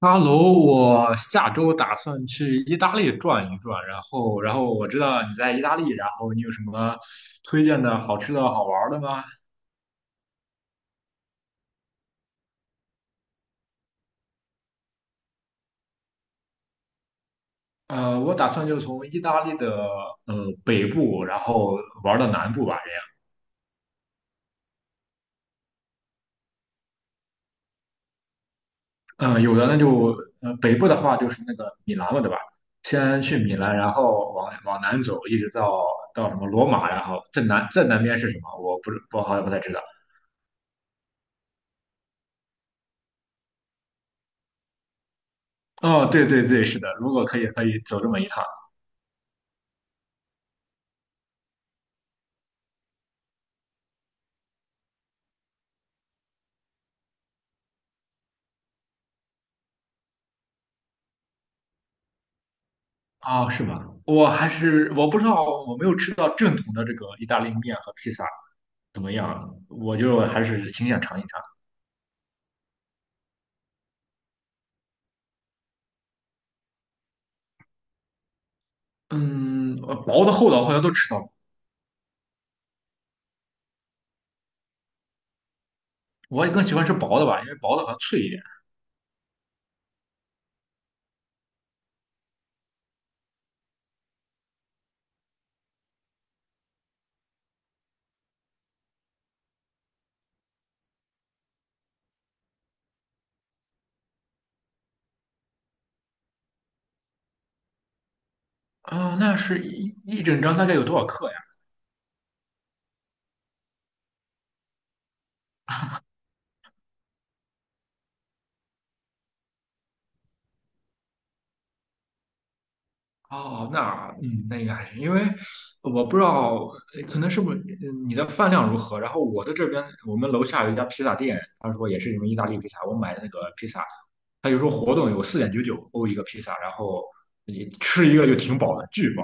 哈喽，我下周打算去意大利转一转，然后我知道你在意大利，然后你有什么推荐的好吃的好玩儿的吗？我打算就从意大利的北部，然后玩到南部吧，这样。嗯、有的那就北部的话就是那个米兰了，对吧？先去米兰，然后往南走，一直到什么罗马，然后再南边是什么？我好像不太知道。哦，对对对，是的，如果可以，可以走这么一趟。哦，是吧？我还是我不知道，我没有吃到正统的这个意大利面和披萨怎么样，我就还是挺想尝一尝。嗯，薄的、厚的我好像都吃到过，我也更喜欢吃薄的吧，因为薄的好像脆一点。啊、那是一整张大概有多少克呀？哦，那应该还行，因为我不知道，可能是不是你的饭量如何。然后我的这边，我们楼下有一家披萨店，他说也是你们意大利披萨，我买的那个披萨它有时候活动有四点九九欧一个披萨，然后你吃一个就挺饱的，巨饱。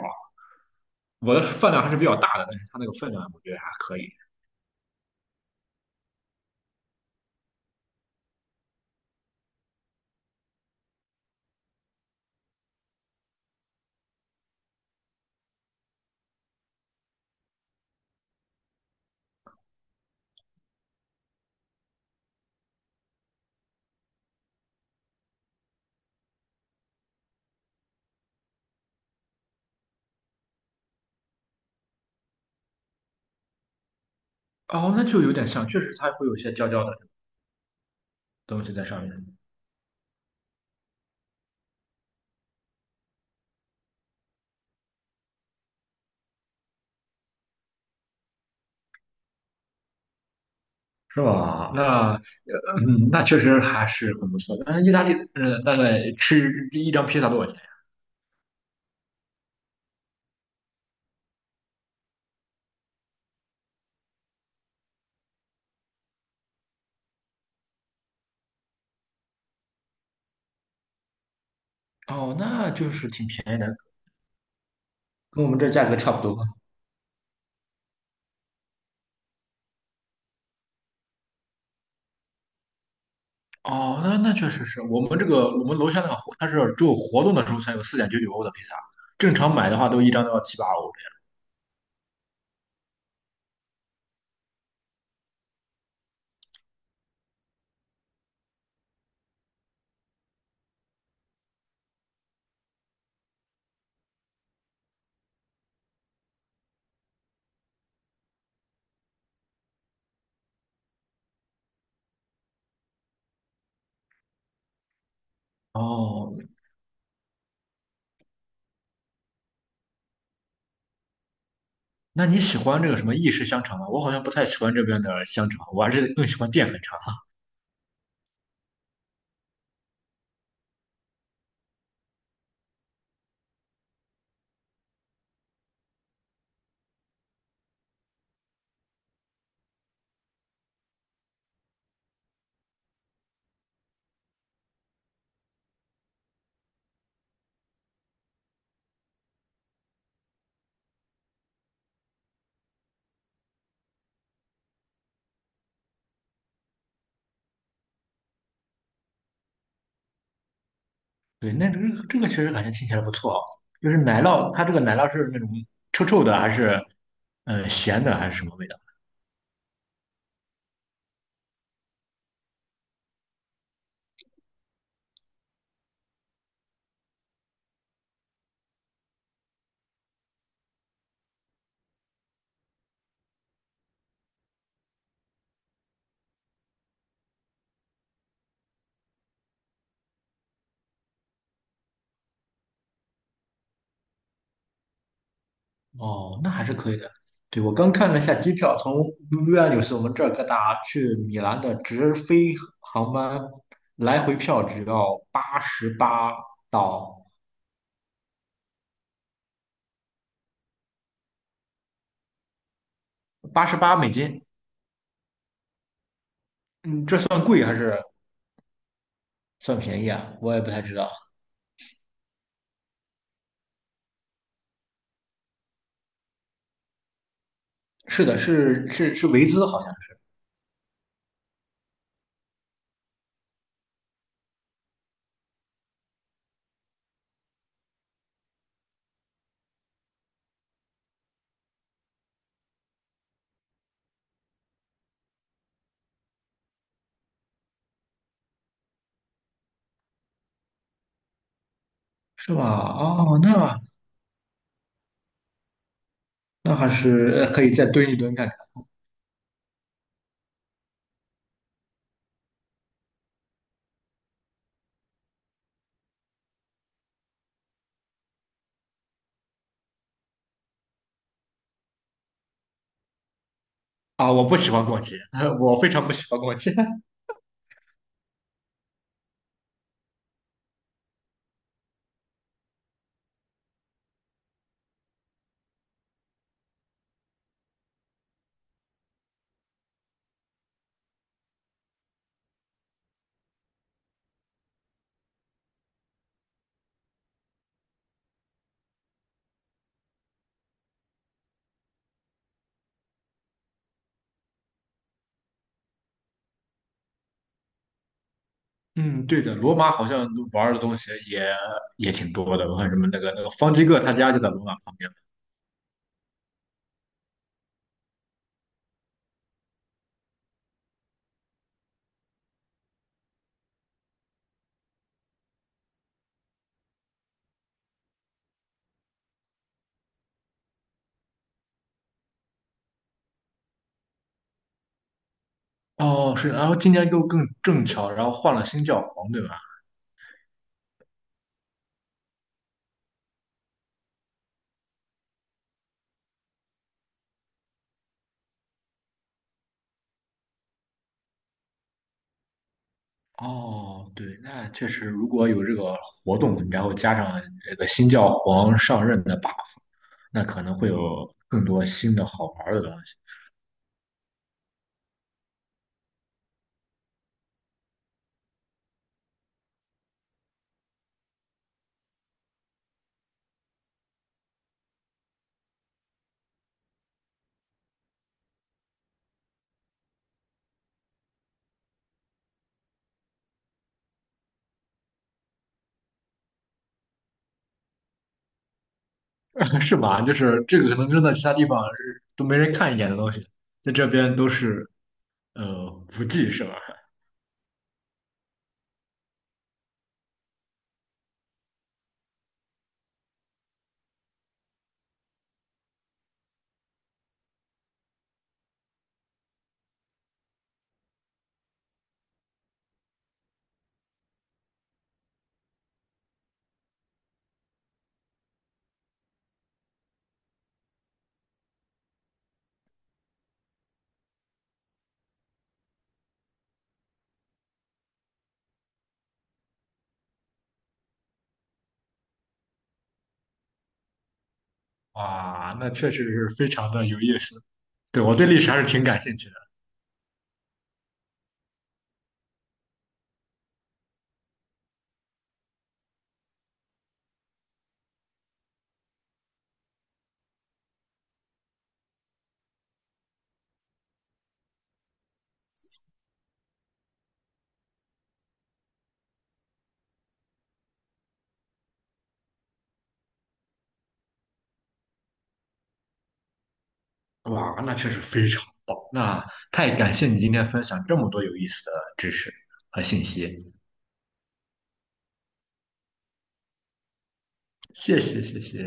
我的饭量还是比较大的，但是它那个分量我觉得还可以。哦，那就有点像，确实它会有一些焦焦的东西在上面，是吧？那确实还是很不错的。但是意大利，大概吃一张披萨多少钱？哦，那就是挺便宜的。跟我们这价格差不多。哦，那确实是我们楼下那个活，它是只有活动的时候才有四点九九欧的披萨，正常买的话都一张都要七八欧的。哦，那你喜欢这个什么意式香肠吗？我好像不太喜欢这边的香肠，我还是更喜欢淀粉肠。对，那这个确实感觉听起来不错啊。就是奶酪，它这个奶酪是那种臭臭的，还是咸的，还是什么味道？哦，那还是可以的。对，我刚看了一下机票，从维也纽斯我们这儿各大去米兰的直飞航班，来回票只要八十八到88美金。嗯，这算贵还是算便宜啊？我也不太知道。是的，是是是维兹，好像是吧？哦，那还是可以再蹲一蹲看看。啊！我不喜欢逛街，我非常不喜欢逛街。嗯，对的，罗马好像玩的东西也挺多的，我看什么那个方济各他家就在罗马旁边。哦，是，然后今年又更正巧，然后换了新教皇，对吧？哦，对，那确实，如果有这个活动，然后加上这个新教皇上任的 buff，那可能会有更多新的好玩的东西。是吧？就是这个可能真的其他地方是都没人看一眼的东西，在这边都是呃无忌是吧？哇，那确实是非常的有意思。对，我对历史还是挺感兴趣的。哇，那确实非常棒。那太感谢你今天分享这么多有意思的知识和信息，谢谢谢谢。